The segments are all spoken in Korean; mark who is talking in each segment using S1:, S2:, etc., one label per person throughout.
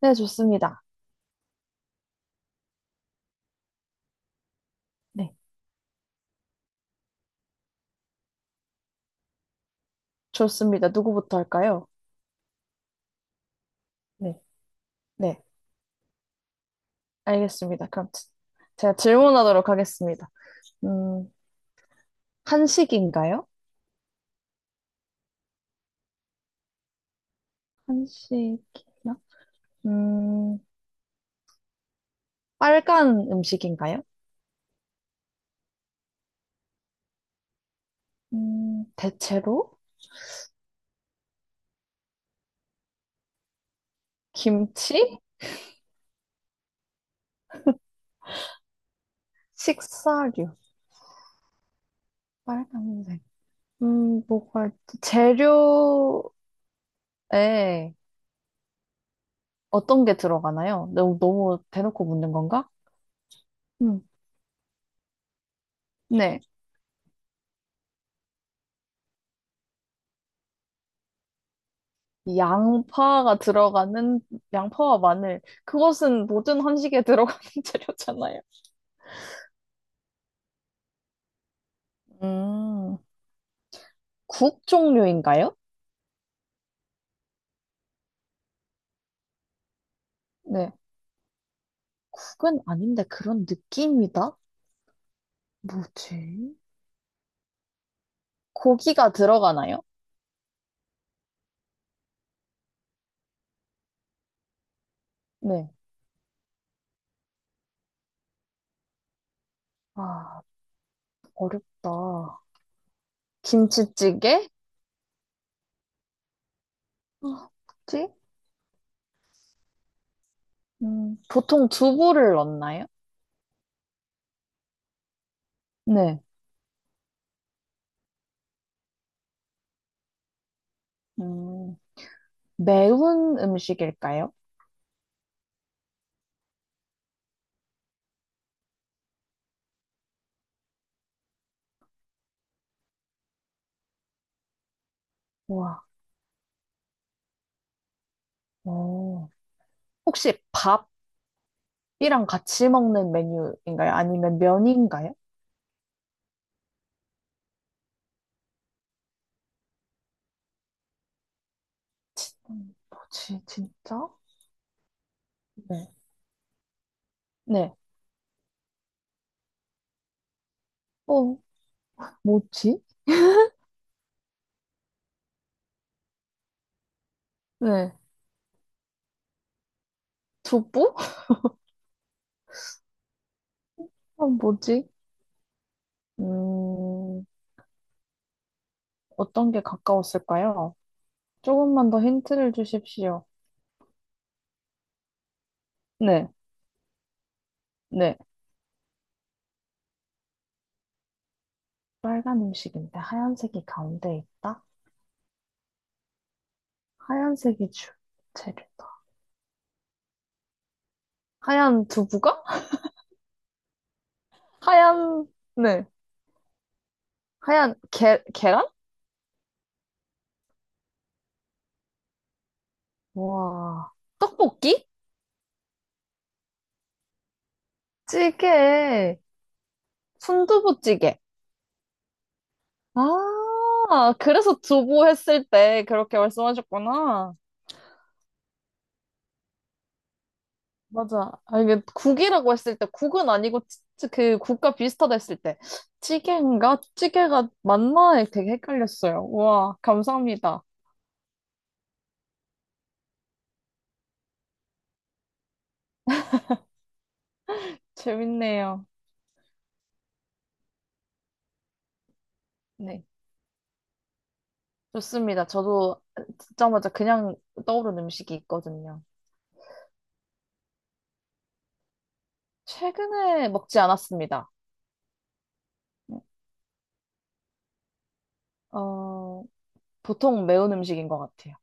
S1: 네, 좋습니다. 네, 좋습니다. 누구부터 할까요? 네, 네, 알겠습니다. 그럼 지- 제가 질문하도록 하겠습니다. 음, 한식인가요? 한식이요? 음, 빨간 음식인가요? 대체로 김치? 식사류, 빨간색. 뭐가 있지? 재료에 어떤 게 들어가나요? 너무, 너무 대놓고 묻는 건가? 음, 네. 양파가 들어가는 양파와 마늘 그것은 모든 한식에 들어가는 재료잖아요. 음, 국 종류인가요? 네, 국은 아닌데 그런 느낌이다. 뭐지? 고기가 들어가나요? 네. 아, 어렵다. 김치찌개? 아, 뭐지? 보통 두부를 넣나요? 네. 음, 매운 음식일까요? 와, 오. 혹시 밥 이랑 같이 먹는 메뉴인가요? 아니면 면인가요? 뭐지, 진짜? 네. 네. 어, 뭐지? 네. 두부? 뭐지? 음, 어떤 게 가까웠을까요? 조금만 더 힌트를 주십시오. 네. 네. 빨간 음식인데 하얀색이 가운데 있다? 하얀색이 주재료다. 하얀 두부가? 하얀, 네. 하얀 계란? 와. 떡볶이? 찌개. 순두부찌개. 아, 그래서 두부 했을 때 그렇게 말씀하셨구나. 맞아. 아, 이게 국이라고 했을 때, 국은 아니고, 그 국과 비슷하다 했을 때, 찌개인가? 찌개가 맞나? 되게 헷갈렸어요. 우와, 감사합니다. 재밌네요. 네. 좋습니다. 저도 듣자마자 그냥 떠오른 음식이 있거든요. 최근에 먹지 않았습니다. 어, 보통 매운 음식인 것 같아요.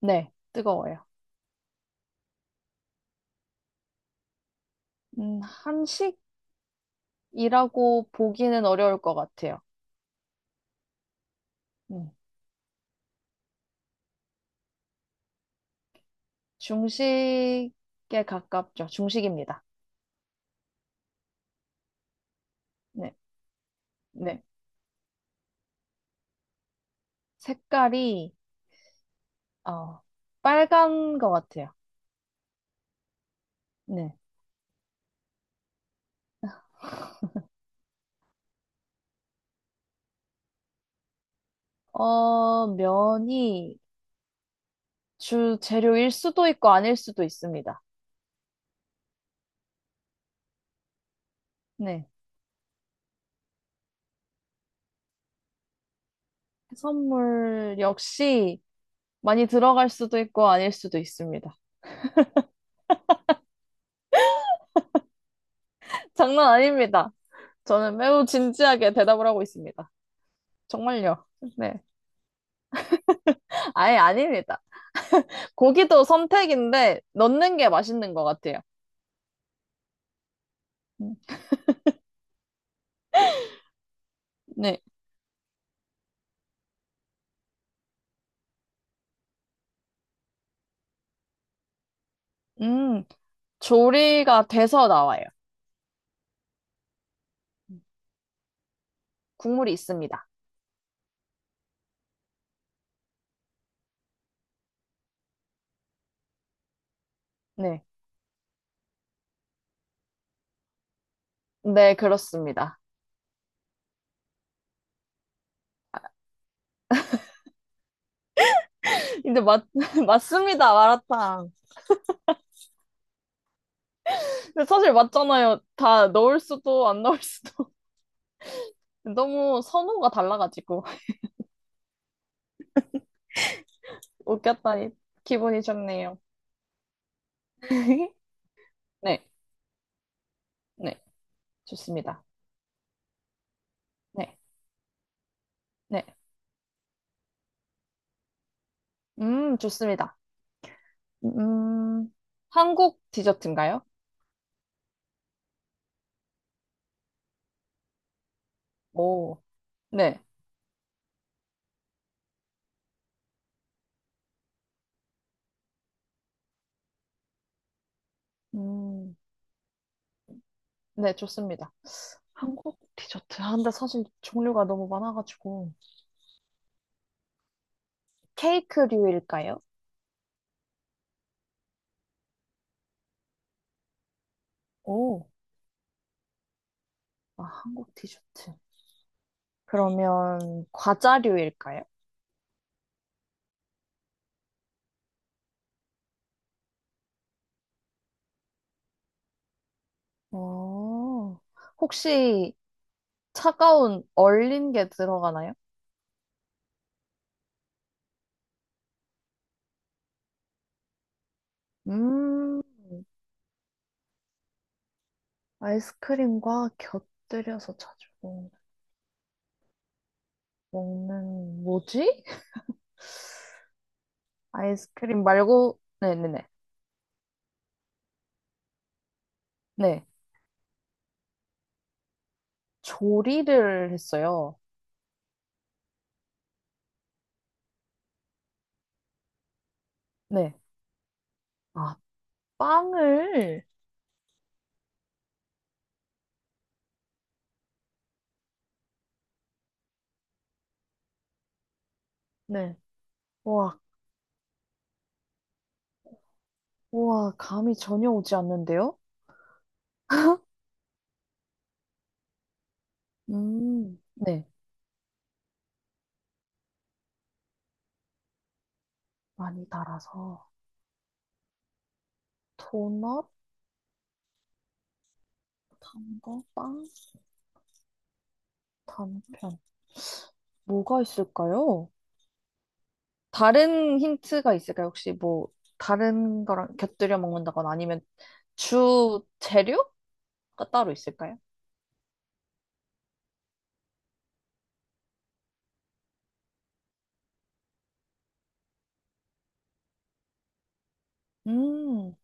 S1: 네, 뜨거워요. 한식? 이라고 보기는 어려울 것 같아요. 음, 중식에 가깝죠. 중식입니다. 네, 네. 색깔이, 어, 빨간 것 같아요. 네. 어, 면이 주 재료일 수도 있고 아닐 수도 있습니다. 네. 해산물 역시 많이 들어갈 수도 있고 아닐 수도 있습니다. 장난 아닙니다. 저는 매우 진지하게 대답을 하고 있습니다. 정말요. 네. 아예 아닙니다. 고기도 선택인데 넣는 게 맛있는 것 같아요. 음, 네. 음, 조리가 돼서 나와요. 국물이 있습니다. 네. 네, 그렇습니다. 근데 맞습니다, 마라탕. 근데 사실 맞잖아요. 다 넣을 수도 안 넣을 수도. 너무 선호가 달라가지고. 웃겼다니. 기분이 좋네요. 네, 네. 좋습니다. 네, 네. 좋습니다. 음, 한국 디저트인가요? 오, 네. 음, 네, 좋습니다. 한국 디저트. 아, 근데 사실 종류가 너무 많아가지고. 케이크류일까요? 오, 아, 한국 디저트. 그러면 과자류일까요? 어, 혹시 차가운 얼린 게 들어가나요? 음, 아이스크림과 곁들여서 자주 먹- 먹는, 뭐지? 아이스크림 말고, 네네네. 네. 네. 네. 조리를 했어요. 네. 아, 빵을 네. 우와, 우와, 감이 전혀 오지 않는데요? 네. 많이 달아서. 도넛, 단 거? 빵, 단편. 뭐가 있을까요? 다른 힌트가 있을까요? 혹시 뭐 다른 거랑 곁들여 먹는다거나 아니면 주 재료가 따로 있을까요? 음,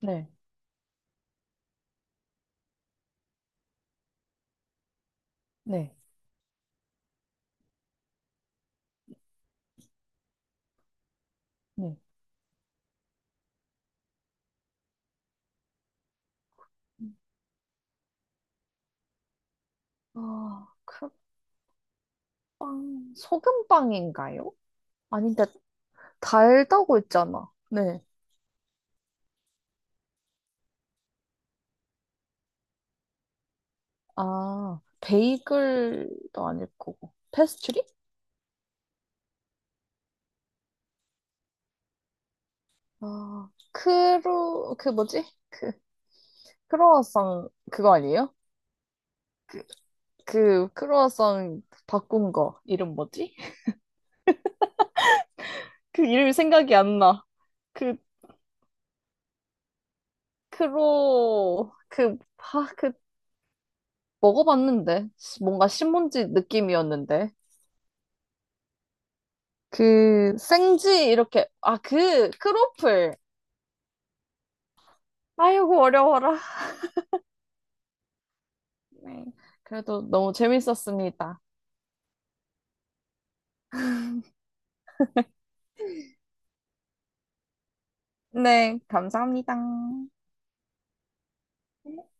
S1: 네, 네, 네. 아, 그 빵, 소금빵인가요? 아닌데, 달다고 했잖아. 네. 아, 베이글도 아닐 거고. 페스트리 아, 그 뭐지? 그, 크로와상, 그거 아니에요? 그, 그, 크로와상 바꾼 거. 이름 뭐지? 그 이름이 생각이 안 나. 그, 그, 그, 먹어봤는데. 뭔가 신문지 느낌이었는데. 그, 생지, 이렇게. 아, 그, 크로플. 아이고, 어려워라. 네. 그래도 너무 재밌었습니다. 네, 감사합니다. 네.